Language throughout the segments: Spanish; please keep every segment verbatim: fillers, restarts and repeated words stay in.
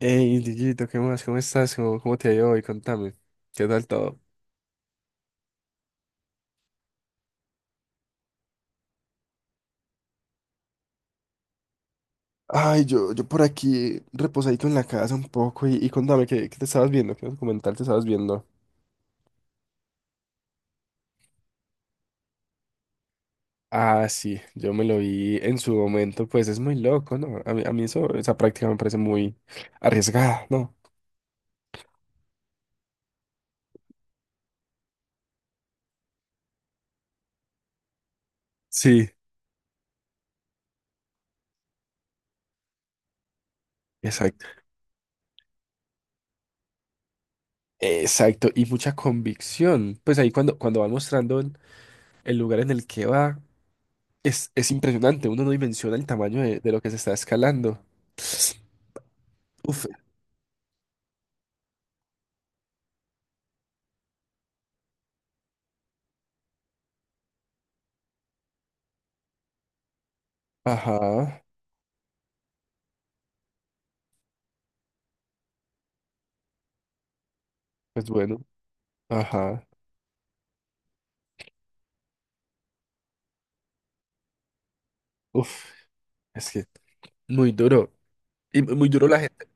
Hey, Dieguito, ¿qué más? ¿Cómo estás? ¿Cómo, cómo te ha ido hoy? Contame. ¿Qué tal todo? Ay, yo, yo por aquí reposadito en la casa un poco y, y contame, ¿qué, qué te estabas viendo, qué documental te estabas viendo. Ah, sí, yo me lo vi en su momento, pues es muy loco, ¿no? A mí, a mí eso, esa práctica me parece muy arriesgada, ¿no? Sí. Exacto. Exacto, y mucha convicción. Pues ahí cuando, cuando va mostrando el, el lugar en el que va, es, es impresionante, uno no dimensiona el tamaño de, de lo que se está escalando. Uf. Ajá, pues bueno, ajá. Uf, es que muy duro. Y mu- muy duro la gente.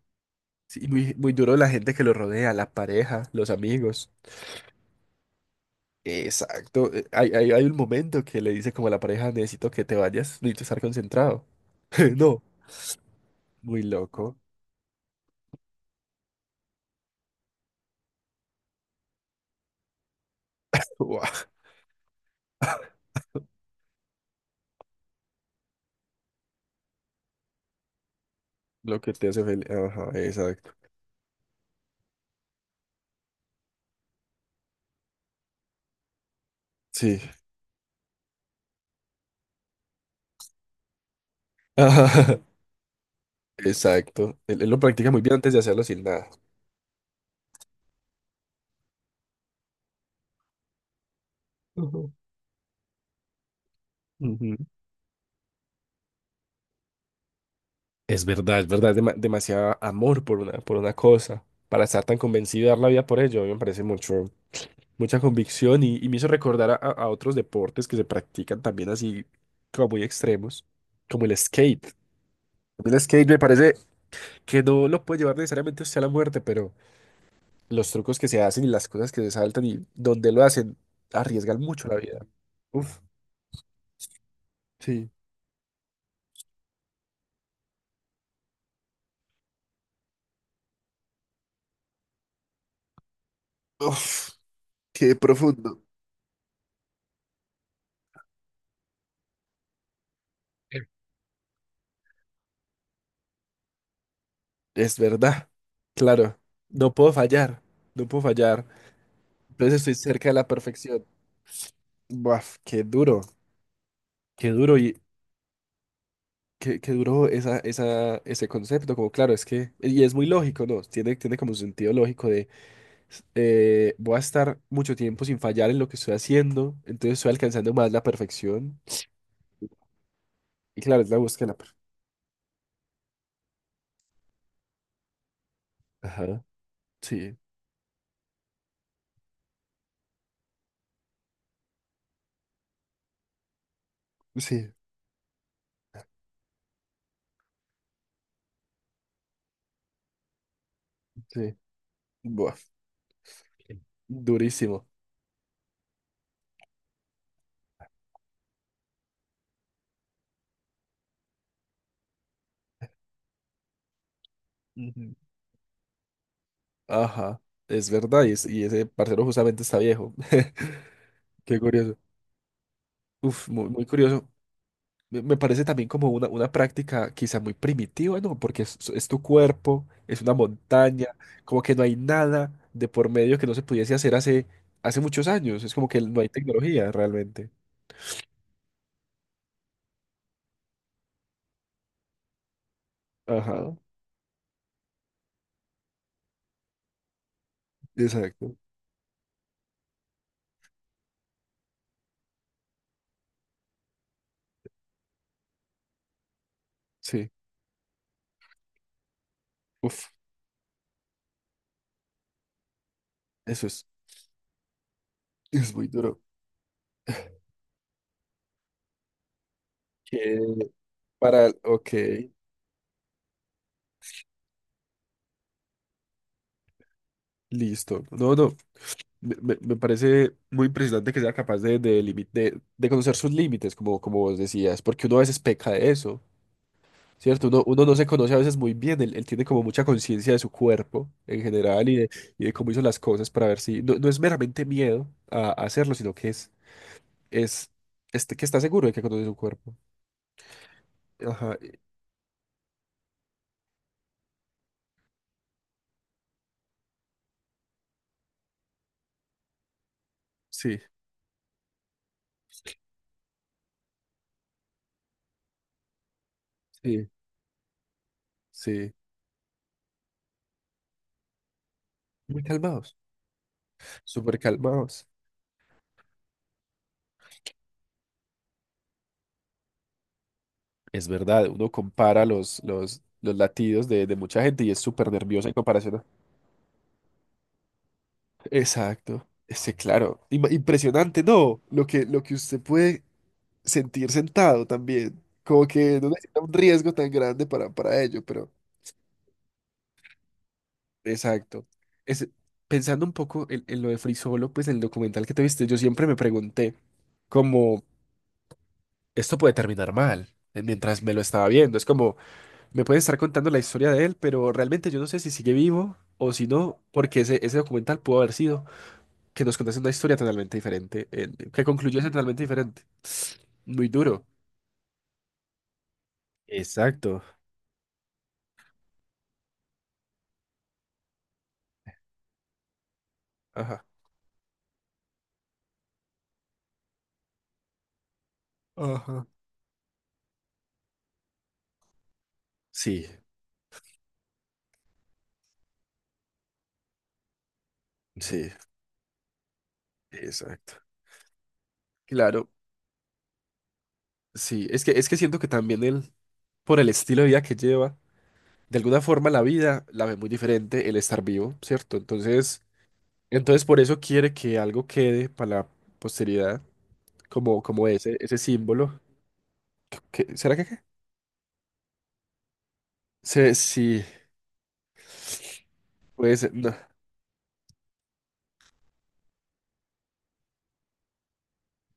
Sí, muy, muy duro la gente que lo rodea, la pareja, los amigos. Exacto. eh, Hay, hay, hay un momento que le dice como a la pareja, necesito que te vayas, necesito estar concentrado. No, muy loco. Buah. Lo que te hace feliz. Ajá, exacto. Sí. Ajá. Exacto. Él, él lo practica muy bien antes de hacerlo sin nada. Ujú. Ujú. Es verdad, es verdad, es dema- demasiado amor por una, por una cosa, para estar tan convencido y dar la vida por ello, a mí me parece mucho, mucha convicción y, y me hizo recordar a, a- a otros deportes que se practican también así como muy extremos, como el skate. A mí el skate me parece que no lo puede llevar necesariamente usted a la muerte, pero los trucos que se hacen y las cosas que se saltan y donde lo hacen arriesgan mucho la vida. Uf, sí. Uf, qué profundo. Es verdad. Claro, no puedo fallar, no puedo fallar. Entonces estoy cerca de la perfección. Buaf, qué duro, qué duro y qué, qué duro esa, esa, ese concepto. Como claro, es que, y es muy lógico, ¿no? Tiene, tiene como un sentido lógico de, eh, voy a estar mucho tiempo sin fallar en lo que estoy haciendo, entonces estoy alcanzando más la perfección. Y claro, es la búsqueda de la perfección. Ajá. Sí, sí, sí. Buaf, durísimo. Ujú. Ajá, es verdad, y, es- y ese parcero justamente está viejo. Qué curioso. Uf, muy, muy curioso. Me me parece también como una, una práctica quizá muy primitiva, ¿no? Porque es, es tu cuerpo, es una montaña, como que no hay nada de por medio que no se pudiese hacer hace, hace muchos años. Es como que no hay tecnología realmente. Ajá, exacto. Sí. Uf, eso es, es muy duro. Que para, ok, listo. No, no, me, me- me parece muy impresionante que sea capaz de, de, limi- de, de conocer sus límites, como, como vos decías, porque uno a veces peca de eso. ¿Cierto? Uno, uno no se conoce a veces muy bien, él, él tiene como mucha conciencia de su cuerpo en general y de, y de cómo hizo las cosas para ver si... No, no es meramente miedo a, a hacerlo, sino que es, es, este que está seguro de que conoce su cuerpo. Ajá, y- sí, sí, sí. Muy calmados, súper calmados. Es verdad, uno compara los, los, los latidos de, de mucha gente y es súper nerviosa en comparación a... Exacto. Sí, claro. Ima- Impresionante, ¿no? Lo que, lo que usted puede sentir sentado también. Como que no necesita un riesgo tan grande para, para ello, pero exacto. Es, pensando un poco en, en lo de Free Solo, pues en el documental que te viste, yo siempre me pregunté como, esto puede terminar mal, eh, mientras me lo estaba viendo. Es como, me pueden estar contando la historia de él, pero realmente yo no sé si sigue vivo o si no, porque ese, ese documental pudo haber sido que nos contase una historia totalmente diferente, eh, que concluyese totalmente diferente. Muy duro. Exacto. Ajá. Ajá. Sí. Sí, exacto. Claro, sí, es que, es que siento que también él, por el estilo de vida que lleva, de alguna forma la vida la ve muy diferente el estar vivo, ¿cierto? Entonces, entonces por eso quiere que algo quede para la posteridad, como, como ese, ese símbolo. ¿Qué- ¿será que qué? Se- sí, puede ser, no.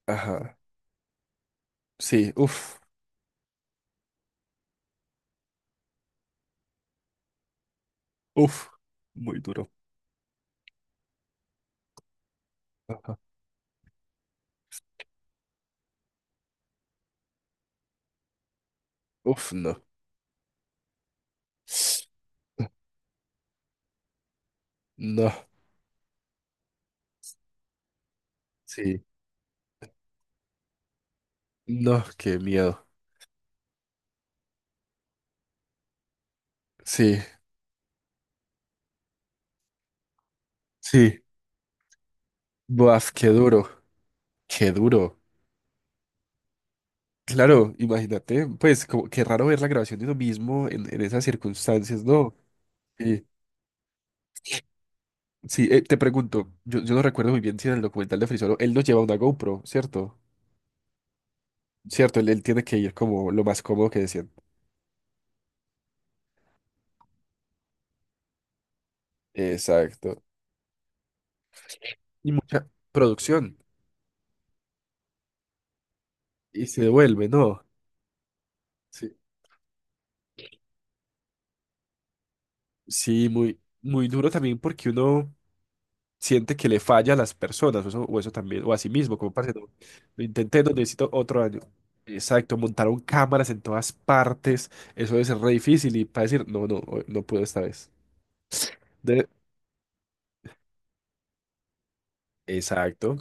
Ajá, sí, uff, uff, muy duro. Uff, no. No, sí, no, qué miedo. Sí, sí, buaf, qué duro. Qué duro. Claro, imagínate, pues como, qué raro ver la grabación de uno mismo en, en esas circunstancias, ¿no? Sí, sí, eh, te pregunto, yo, yo no recuerdo muy bien si en el documental de Frisolo él no lleva una GoPro, ¿cierto? Cierto, él, él tiene que ir como lo más cómodo que decían. Exacto. Y mucha producción. Y se devuelve, ¿no? Sí. Sí, muy, muy duro también porque uno siente que le falla a las personas, o eso, o eso también, o a sí mismo, como parce, no, lo intenté, no necesito otro año. Exacto, montaron cámaras en todas partes, eso debe ser re difícil y para decir, no, no, hoy no puedo esta vez. De- Exacto,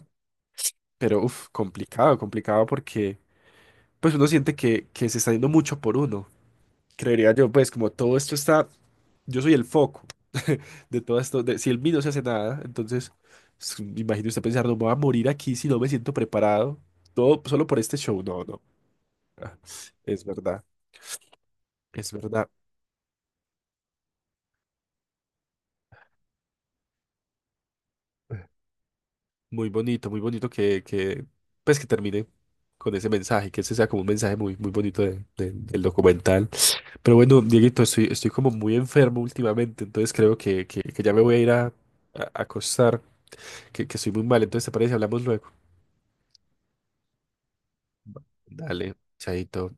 pero uff, complicado, complicado porque pues uno siente que, que se está yendo mucho por uno. Creería yo, pues como todo esto está, yo soy el foco de todo esto, de, si el mí no se hace nada, entonces s- me imagino usted pensar, no me voy a morir aquí si no me siento preparado, todo solo por este show, no, no. Es verdad, es verdad. Muy bonito, muy bonito que, que, pues que termine con ese mensaje, que ese sea como un mensaje muy, muy bonito de- de- del documental. Pero bueno, Dieguito, estoy, estoy como muy enfermo últimamente, entonces creo que, que, que ya me voy a ir a, a- a acostar, que, que estoy muy mal. Entonces, ¿te parece? Hablamos luego. Va. Dale, chaito.